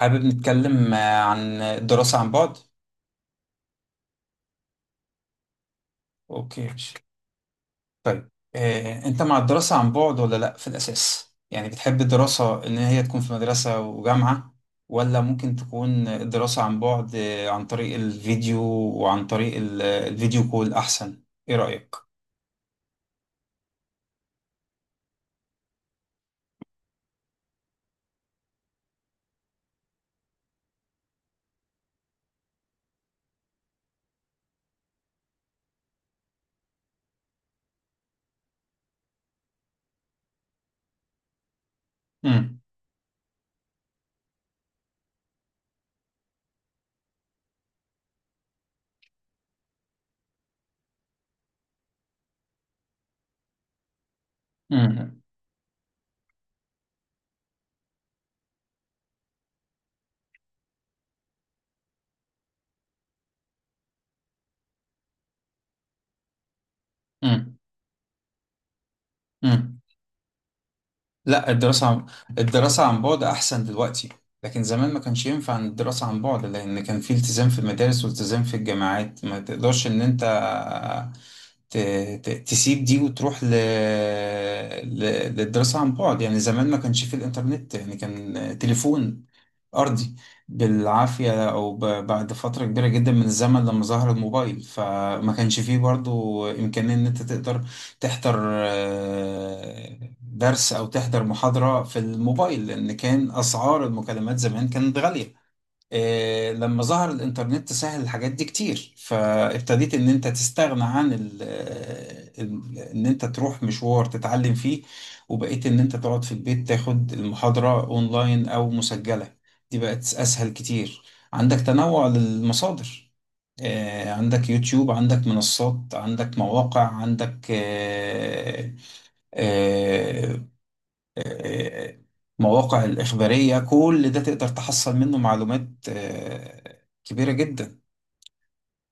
حابب نتكلم عن الدراسة عن بعد؟ أوكي ماشي. طيب، أنت مع الدراسة عن بعد ولا لأ في الأساس؟ يعني بتحب الدراسة إن هي تكون في مدرسة وجامعة، ولا ممكن تكون الدراسة عن بعد عن طريق الفيديو وعن طريق الفيديو كول أحسن؟ إيه رأيك؟ امم امم. لا، الدراسة عن بعد أحسن دلوقتي، لكن زمان ما كانش ينفع إن الدراسة عن بعد، لأن كان في التزام في المدارس والتزام في الجامعات، ما تقدرش إن أنت ت... تسيب دي وتروح ل... للدراسة عن بعد. يعني زمان ما كانش في الإنترنت، يعني كان تليفون أرضي بالعافية، أو بعد فترة كبيرة جدا من الزمن لما ظهر الموبايل، فما كانش فيه برضو إمكانية إن أنت تقدر تحضر درس أو تحضر محاضرة في الموبايل، لأن كان أسعار المكالمات زمان كانت غالية. لما ظهر الإنترنت سهل الحاجات دي كتير، فابتديت إن أنت تستغنى عن إن أنت تروح مشوار تتعلم فيه، وبقيت إن أنت تقعد في البيت تاخد المحاضرة أونلاين أو مسجلة. دي بقت أسهل كتير، عندك تنوع للمصادر، عندك يوتيوب، عندك منصات، عندك مواقع، عندك آه، آه، مواقع الإخبارية. كل ده تقدر تحصل منه معلومات كبيرة جدا.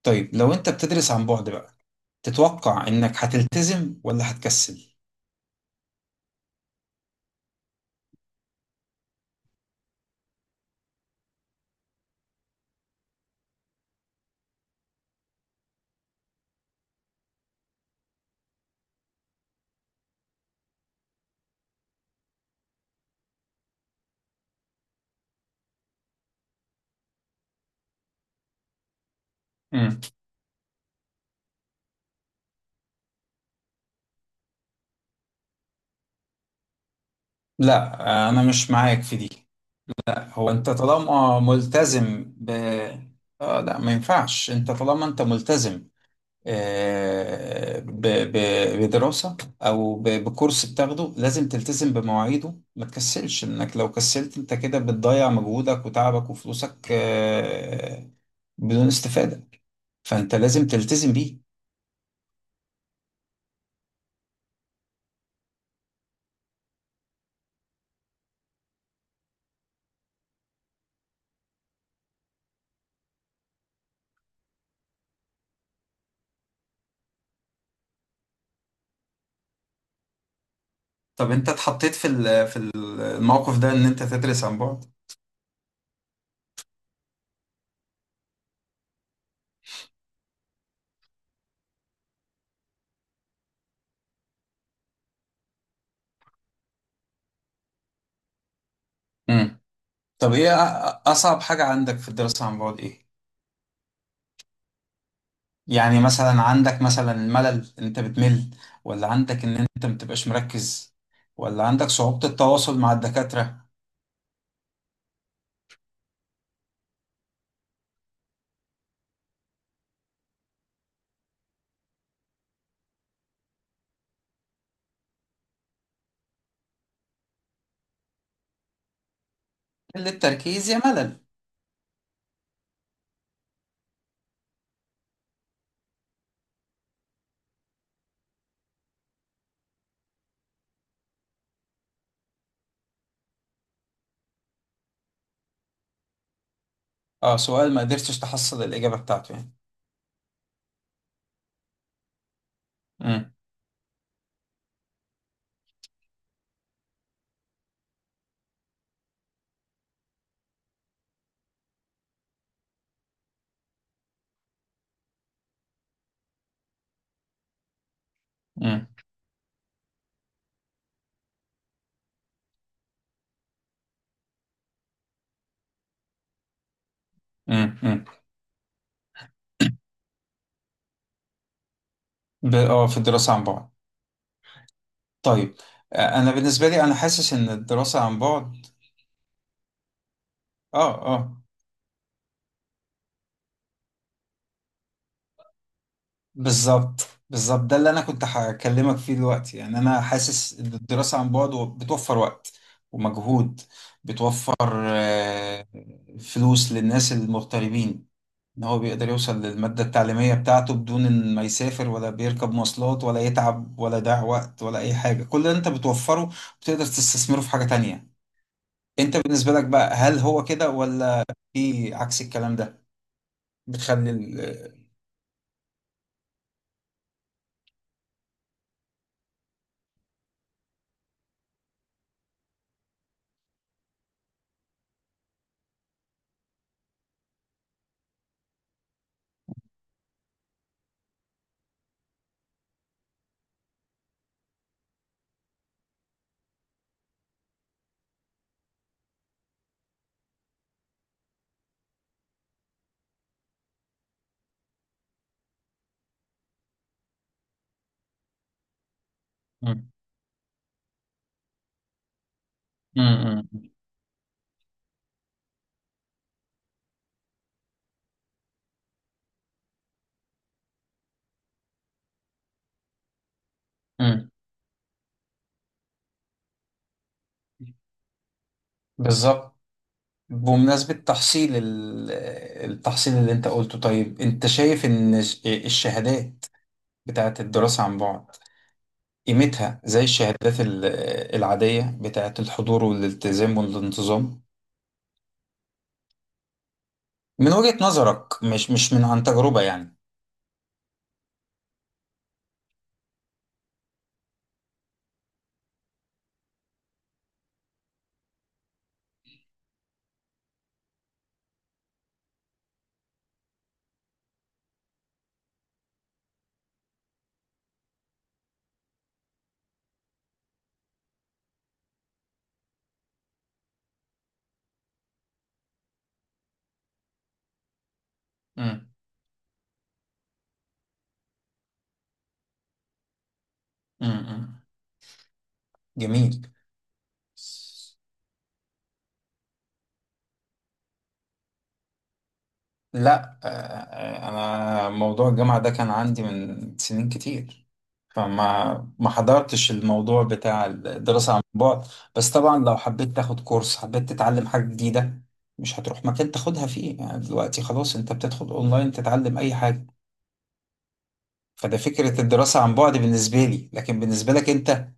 طيب لو أنت بتدرس عن بعد بقى، تتوقع إنك هتلتزم ولا هتكسل؟ مم. لا، أنا مش معاك في دي. هو أنت طالما ملتزم ب، آه لا، ما ينفعش. أنت طالما أنت ملتزم ب- بدراسة أو بكورس بتاخده، لازم تلتزم بمواعيده، ما تكسلش. إنك لو كسلت أنت كده بتضيع مجهودك وتعبك وفلوسك بدون استفادة، فأنت لازم تلتزم بيه. طب أنت اتحطيت في في الموقف ده إن أنت تدرس عن بعد؟ مم. طب إيه أصعب حاجة عندك في الدراسة عن بعد إيه؟ يعني مثلا عندك مثلا ملل، ان انت بتمل، ولا عندك ان انت متبقاش مركز، ولا عندك صعوبة التواصل مع الدكاترة؟ قلة التركيز يا ملل. اه، سؤال ما قدرتش تحصل الإجابة بتاعته يعني. امم امم امم. اه، في الدراسة عن بعد. طيب انا بالنسبة لي انا حاسس ان الدراسة عن بعد، اه اه، بالظبط. بالظبط ده اللي انا كنت هكلمك فيه دلوقتي. يعني انا حاسس ان الدراسه عن بعد بتوفر وقت ومجهود، بتوفر آه، فلوس للناس المغتربين، ان هو بيقدر يوصل للماده التعليميه بتاعته بدون ان ما يسافر ولا بيركب مواصلات ولا يتعب ولا يضيع وقت ولا اي حاجه. كل اللي انت بتوفره بتقدر تستثمره في حاجه تانية. انت بالنسبه لك بقى هل هو كده، ولا في عكس الكلام ده؟ بتخلي ال... مم. مم. مم. مم. بالظبط. بمناسبة تحصيل التحصيل اللي انت قلته، طيب انت شايف ان الشهادات بتاعت الدراسة عن بعد قيمتها زي الشهادات العادية بتاعت الحضور والالتزام والانتظام؟ من وجهة نظرك، مش من عن تجربة يعني. امم امم. جميل. لا انا موضوع الجامعة ده كان عندي من سنين كتير، فما ما حضرتش الموضوع بتاع الدراسة عن بعد. بس طبعا لو حبيت تاخد كورس، حبيت تتعلم حاجة جديدة، مش هتروح مكان تاخدها فيه. يعني دلوقتي خلاص انت بتدخل اونلاين تتعلم اي حاجة. فده فكرة الدراسة عن بعد بالنسبة لي. لكن بالنسبة لك انت،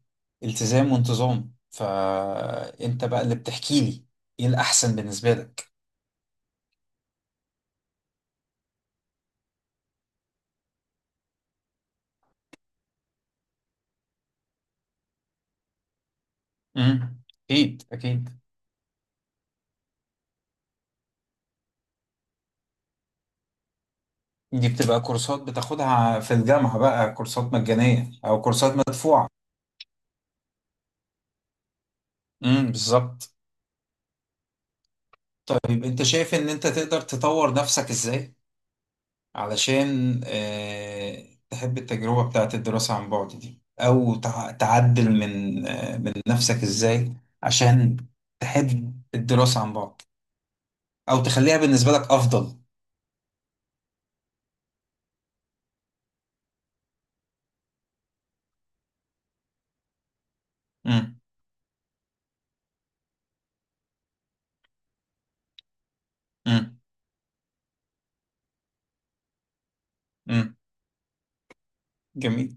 التزام وانتظام، فانت بقى اللي بتحكي لي ايه الاحسن بالنسبة لك. امم. اكيد اكيد. دي بتبقى كورسات بتاخدها في الجامعة بقى، كورسات مجانية أو كورسات مدفوعة. امم، بالظبط. طيب أنت شايف إن أنت تقدر تطور نفسك إزاي، علشان تحب التجربة بتاعت الدراسة عن بعد دي، أو تعدل من من نفسك إزاي، عشان تحب الدراسة عن بعد، أو تخليها بالنسبة لك أفضل؟ امم امم امم. جميل.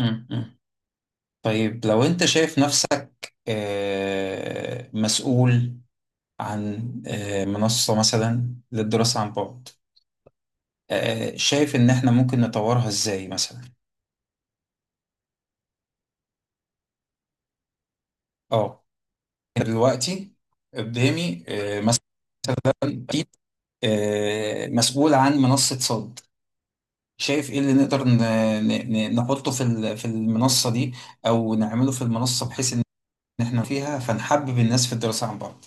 امم. طيب لو أنت شايف نفسك مسؤول عن منصة مثلا للدراسة عن بعد، شايف إن إحنا ممكن نطورها إزاي مثلا؟ أه، دلوقتي قدامي مثلا، أكيد، مسؤول عن منصة صد، شايف إيه اللي نقدر نحطه في في المنصة دي أو نعمله في المنصة، بحيث إن إحنا فيها فنحبب الناس في الدراسة عن بعد.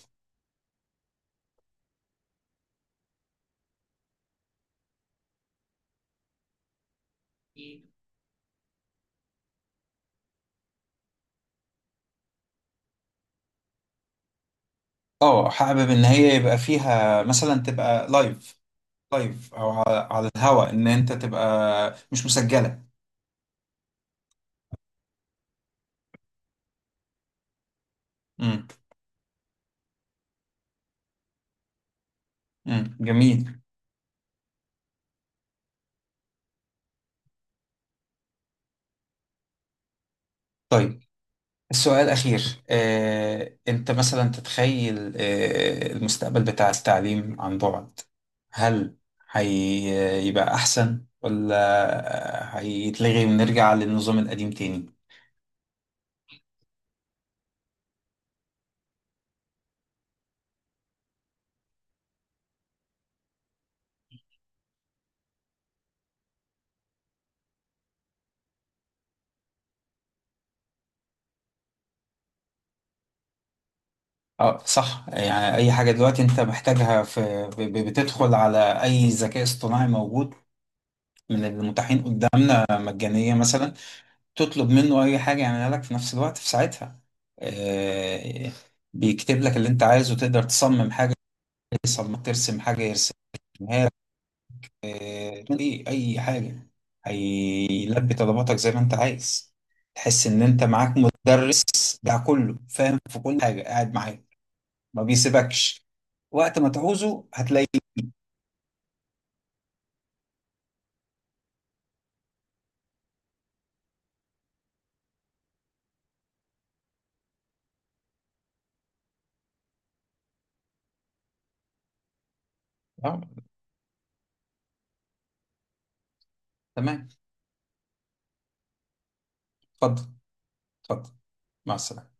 اه، حابب ان هي يبقى فيها مثلا تبقى لايف. لايف او على الهوا، ان انت تبقى مش مسجله. امم امم. جميل. طيب السؤال الأخير، أنت مثلا تتخيل المستقبل بتاع التعليم عن بعد، هل هيبقى أحسن ولا هيتلغي ونرجع للنظام القديم تاني؟ اه صح. يعني أي حاجة دلوقتي أنت محتاجها في، بتدخل على أي ذكاء اصطناعي موجود من المتاحين قدامنا مجانية مثلا، تطلب منه اي حاجه يعملها لك في نفس الوقت في ساعتها. آه، بيكتب لك اللي انت عايزه، تقدر تصمم حاجه يصمم، ترسم حاجه يرسمها لك. اي حاجه هيلبي طلباتك زي ما انت عايز. تحس ان انت معاك مدرس بتاع كله، فاهم في كل حاجه، قاعد معاك ما بيسيبكش، وقت ما تعوزه هتلاقيه. آه، تمام، اتفضل اتفضل، مع السلامه.